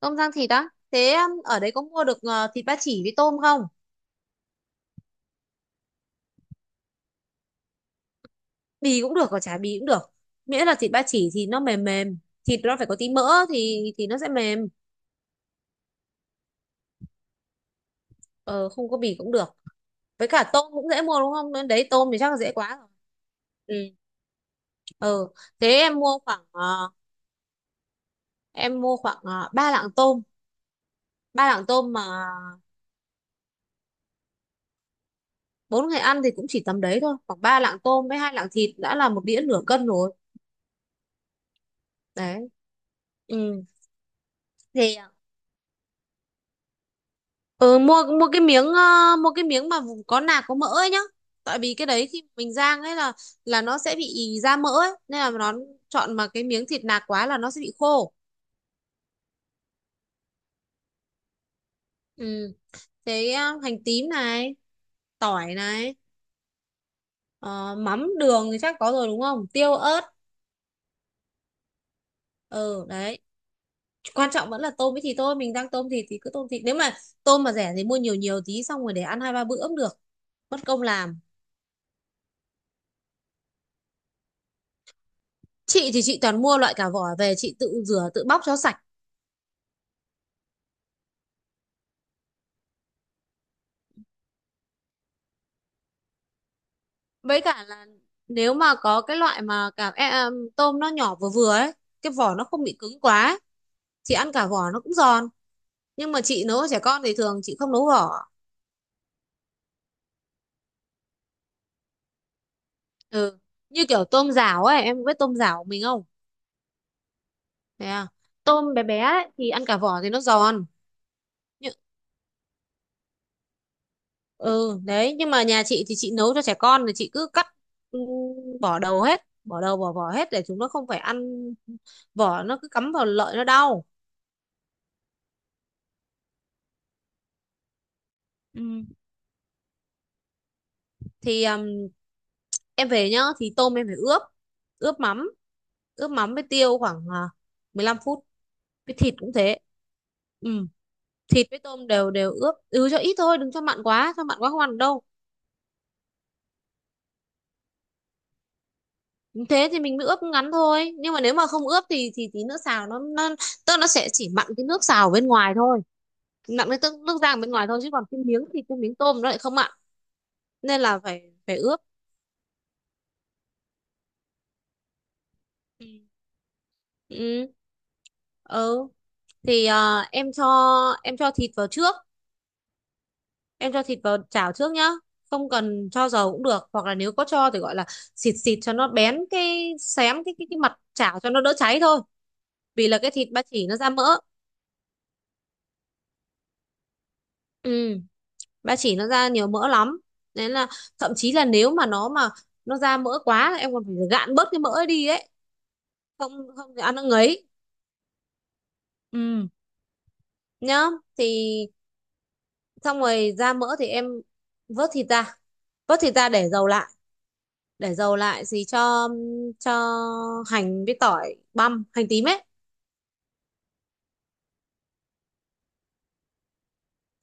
Tôm rang thịt á. Thế ở đấy có mua được thịt ba chỉ với tôm không? Bì cũng được và chả bì cũng được, miễn là thịt ba chỉ thì nó mềm mềm, thịt nó phải có tí mỡ thì nó sẽ mềm. Ờ, Không có bì cũng được. Với cả tôm cũng dễ mua đúng không? Nên đấy, tôm thì chắc là dễ quá rồi. Ừ, ờ, thế em mua khoảng ờ, em mua khoảng ba lạng tôm. Ba lạng tôm mà bốn người ăn thì cũng chỉ tầm đấy thôi, khoảng ba lạng tôm với hai lạng thịt đã là một đĩa nửa cân rồi. Đấy. Ừ. thì ờ, Ừ, mua mua cái miếng, mua cái miếng mà có nạc có mỡ ấy nhá. Tại vì cái đấy khi mình rang ấy là nó sẽ bị ì ra mỡ ấy, nên là nó, chọn mà cái miếng thịt nạc quá là nó sẽ bị khô. Ừ. Thế hành tím này, tỏi này, ờ, mắm đường thì chắc có rồi đúng không? Tiêu ớt. Ừ đấy. Quan trọng vẫn là tôm với thịt thôi, mình đang tôm thịt thì cứ tôm thịt. Nếu mà tôm mà rẻ thì mua nhiều nhiều tí xong rồi để ăn hai ba bữa cũng được, mất công làm. Chị thì chị toàn mua loại cả vỏ về, chị tự rửa tự bóc cho sạch. Với cả là, nếu mà có cái loại mà tôm nó nhỏ vừa vừa ấy, cái vỏ nó không bị cứng quá, chị ăn cả vỏ nó cũng giòn. Nhưng mà chị nấu cho trẻ con thì thường chị không nấu vỏ. Ừ, như kiểu tôm rảo ấy, em có biết tôm rảo của mình không? Thế à. Tôm bé bé ấy, thì ăn cả vỏ thì nó giòn. Nhưng, ừ đấy, nhưng mà nhà chị thì chị nấu cho trẻ con thì chị cứ cắt, ừ, bỏ đầu hết, bỏ đầu bỏ vỏ hết để chúng nó không phải ăn, vỏ nó cứ cắm vào lợi nó đau. Ừ. thì à, em về nhá thì tôm em phải ướp, ướp mắm, ướp mắm với tiêu khoảng 15 phút, với thịt cũng thế. Ừ. Thịt với tôm đều đều ướp, ừ, cho ít thôi, đừng cho mặn quá, cho mặn quá không ăn được đâu. Ừ, thế thì mình mới ướp ngắn thôi, nhưng mà nếu mà không ướp thì tí nữa xào nó tức là nó sẽ chỉ mặn cái nước xào bên ngoài thôi, mặn cái nước nước rang bên ngoài thôi, chứ còn cái miếng thịt cái miếng tôm nó lại không mặn, nên là phải phải ướp. Ừ. Ừ. Ừ. Em cho, em cho thịt vào trước, em cho thịt vào chảo trước nhá. Không cần cho dầu cũng được, hoặc là nếu có cho thì gọi là xịt xịt cho nó bén cái xém cái cái mặt chảo cho nó đỡ cháy thôi. Vì là cái thịt ba chỉ nó ra mỡ. Ừ, ba chỉ nó ra nhiều mỡ lắm, nên là, thậm chí là nếu mà nó ra mỡ quá là em còn phải gạn bớt cái mỡ ấy đi ấy. Không, không thì ăn nó ngấy. Ừ, nhá. Thì, xong rồi ra mỡ thì em vớt thịt ra, vớt thịt ra để dầu lại, để dầu lại gì, cho hành với tỏi băm, hành tím ấy.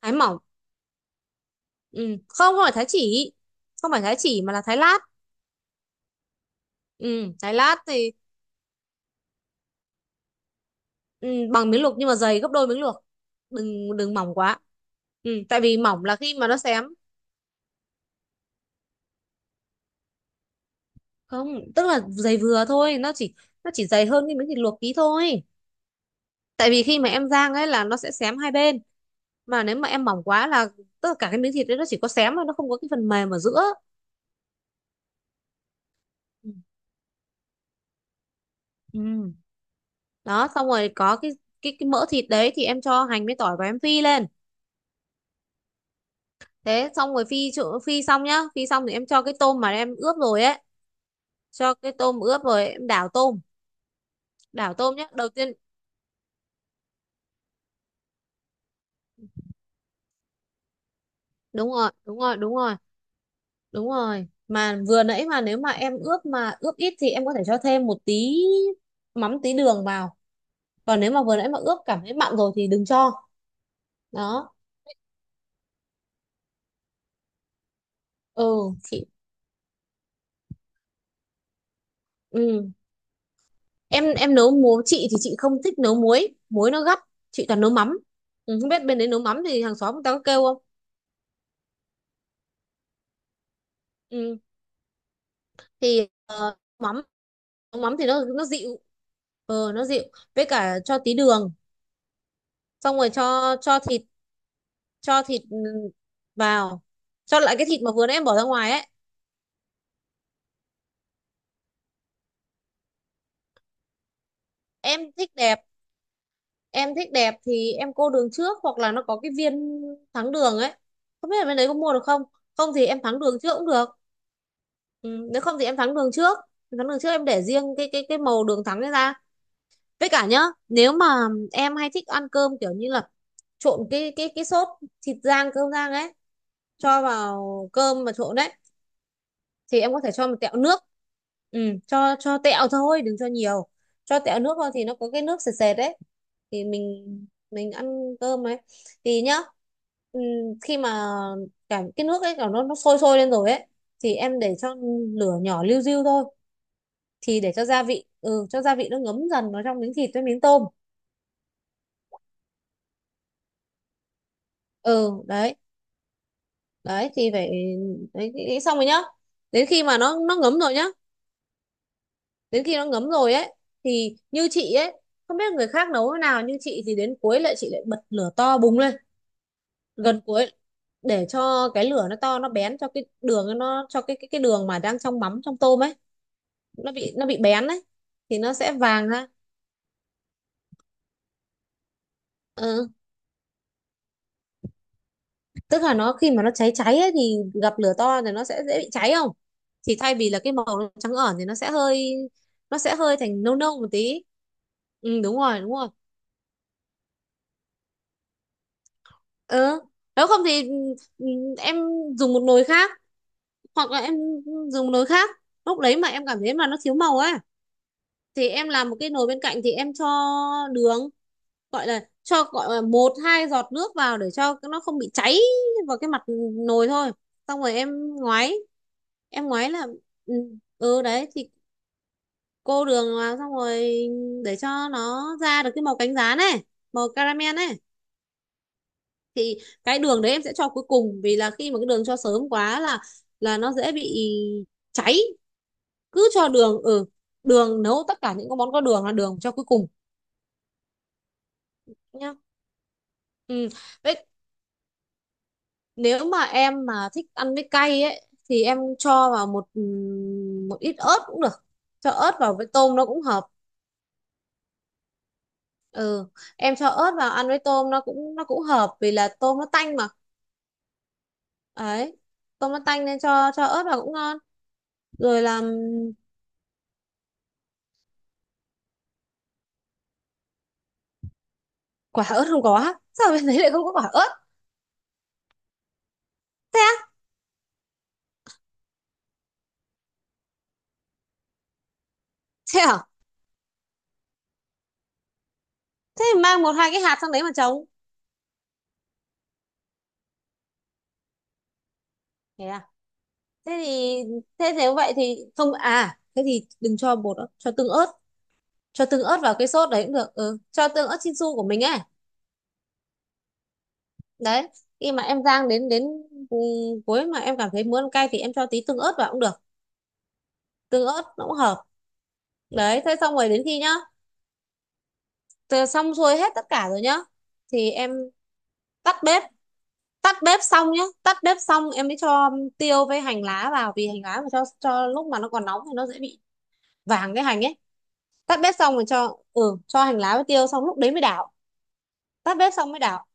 Thái mỏng. Ừ, không, không phải thái chỉ, không phải thái chỉ mà là thái lát. Ừ, thái lát thì, ừ, bằng miếng luộc nhưng mà dày gấp đôi miếng luộc. Đừng đừng mỏng quá. Ừ, tại vì mỏng là khi mà nó xém. Không, tức là dày vừa thôi, nó chỉ, nó chỉ dày hơn cái miếng thịt luộc tí thôi. Tại vì khi mà em rang ấy là nó sẽ xém hai bên, mà nếu mà em mỏng quá là, tức là cả cái miếng thịt đấy nó chỉ có xém thôi, nó không có cái phần mềm ở giữa. Ừ. Ừ. Đó, xong rồi có cái mỡ thịt đấy thì em cho hành với tỏi và em phi lên. Thế xong rồi phi phi xong nhá, phi xong thì em cho cái tôm mà em ướp rồi ấy, cho cái tôm ướp rồi em đảo tôm, đảo tôm nhá đầu tiên. Đúng rồi, đúng rồi, đúng rồi, đúng rồi. Mà vừa nãy mà nếu mà em ướp mà ướp ít thì em có thể cho thêm một tí mắm, tí đường vào. Còn nếu mà vừa nãy mà ướp cảm thấy mặn rồi thì đừng cho. Đó. Ừ. Chị. Ừ. Em nấu muối, chị thì chị không thích nấu muối, muối nó gắt, chị toàn nấu mắm. Không biết bên đấy nấu mắm thì hàng xóm người ta có kêu không. ừ, Mắm, nấu mắm thì nó dịu, ờ, nó dịu. Với cả cho tí đường, xong rồi cho thịt, cho thịt, vào, cho lại cái thịt mà vừa nãy em bỏ ra ngoài ấy. Em thích đẹp, em thích đẹp thì em cô đường trước, hoặc là nó có cái viên thắng đường ấy, không biết là bên đấy có mua được không. Không thì em thắng đường trước cũng được. Ừ, nếu không thì em thắng đường trước, thắng đường trước em để riêng cái màu đường thắng ấy ra. Với cả nhá, nếu mà em hay thích ăn cơm kiểu như là trộn cái sốt thịt rang, cơm rang ấy, cho vào cơm mà trộn đấy, thì em có thể cho một tẹo nước. Ừ, cho tẹo thôi, đừng cho nhiều, cho tẹo nước thôi thì nó có cái nước sệt sệt đấy, thì mình ăn cơm ấy. Thì nhá, ừ, khi mà cả cái nước ấy cả nó sôi sôi lên rồi ấy, thì em để cho lửa nhỏ liu riu thôi, thì để cho gia vị, ừ, cho gia vị nó ngấm dần vào trong miếng thịt với miếng tôm. Ừ đấy, đấy thì phải, nghĩ xong rồi nhá, đến khi mà nó ngấm rồi nhá, đến khi nó ngấm rồi ấy thì như chị ấy, không biết người khác nấu thế nào nhưng chị thì đến cuối lại chị lại bật lửa to bùng lên. Gần cuối, để cho cái lửa nó to nó bén cho cái đường nó, cho cái đường mà đang trong mắm trong tôm ấy, nó bị bén ấy, thì nó sẽ vàng ha. Ờ, tức là nó khi mà nó cháy cháy ấy, thì gặp lửa to thì nó sẽ dễ bị cháy không, thì thay vì là cái màu nó trắng ẩn thì nó sẽ hơi, nó sẽ hơi thành nâu nâu một tí. Ừ, đúng rồi, đúng rồi. Ừ, nếu không thì, ừ, em dùng một nồi khác, hoặc là em dùng một nồi khác, lúc đấy mà em cảm thấy mà nó thiếu màu ấy, thì em làm một cái nồi bên cạnh thì em cho đường, gọi là cho, gọi là một hai giọt nước vào để cho nó không bị cháy, vào cái mặt nồi thôi. Xong rồi em ngoái, em ngoái là, ừ. Ừ đấy, thì cô đường vào, xong rồi để cho nó ra được cái màu cánh gián này, màu caramel này. Thì cái đường đấy em sẽ cho cuối cùng, vì là khi mà cái đường cho sớm quá là nó dễ bị cháy. Cứ cho đường ở, ừ, đường nấu tất cả những cái món có đường là đường cho cuối cùng nhá. Ừ. Vậy nếu mà em mà thích ăn với cay ấy thì em cho vào một một ít ớt cũng được. Cho ớt vào với tôm nó cũng hợp. Ừ. Em cho ớt vào ăn với tôm nó cũng hợp, vì là tôm nó tanh mà, ấy, tôm nó tanh nên cho ớt vào cũng ngon. Rồi làm. Quả ớt không có sao, bên đấy lại không có quả ớt? Thế á. Thế à. Thế thì mang một hai cái hạt sang đấy mà trồng. Thế à. Thế thì, thế nếu vậy thì không, à thế thì đừng cho bột ớt, cho tương ớt. Cho tương ớt vào cái sốt đấy cũng được, ừ, cho tương ớt Chinsu của mình ấy. Đấy, khi mà em rang đến đến, ừ, cuối mà em cảm thấy muốn ăn cay thì em cho tí tương ớt vào cũng được. Tương ớt nó cũng hợp. Đấy, thế xong rồi đến khi nhá, từ xong xuôi hết tất cả rồi nhá, thì em tắt bếp. Tắt bếp xong nhá, tắt bếp xong em mới cho tiêu với hành lá vào, vì hành lá mà cho lúc mà nó còn nóng thì nó dễ bị vàng cái hành ấy. Tắt bếp xong rồi cho, ừ, cho hành lá với tiêu xong lúc đấy mới đảo. Tắt bếp xong mới đảo.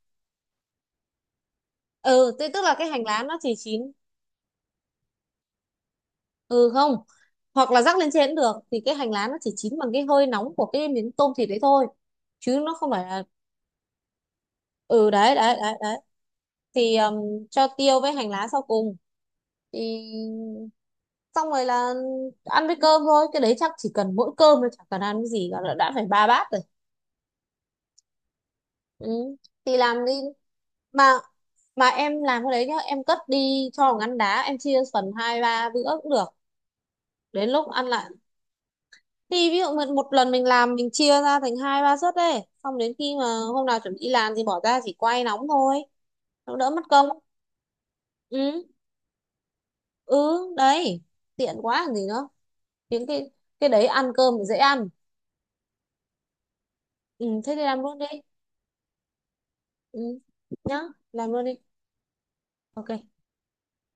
Ừ, thế tức là cái hành lá nó chỉ chín. Ừ, không, hoặc là rắc lên trên cũng được, thì cái hành lá nó chỉ chín bằng cái hơi nóng của cái miếng tôm thịt đấy thôi, chứ nó không phải là. Ừ, đấy đấy đấy đấy. Thì Cho tiêu với hành lá sau cùng, thì xong rồi là ăn với cơm thôi. Cái đấy chắc chỉ cần mỗi cơm thôi, chẳng cần ăn cái gì cả đã phải ba bát rồi. Ừ. Thì làm đi mà mà em làm cái đấy nhá, em cất đi cho vào ngăn đá, em chia phần hai ba bữa cũng được. Đến lúc ăn lại thì ví dụ mình, một lần mình làm mình chia ra thành hai ba suất đấy, xong đến khi mà hôm nào chuẩn bị làm thì bỏ ra chỉ quay nóng thôi, nó đỡ mất công. Ừ. Ừ đấy. Tiện quá làm gì nữa. Những cái đấy ăn cơm thì dễ ăn. Ừ, thế thì làm luôn đi. Ừ, nhá, làm luôn đi. OK.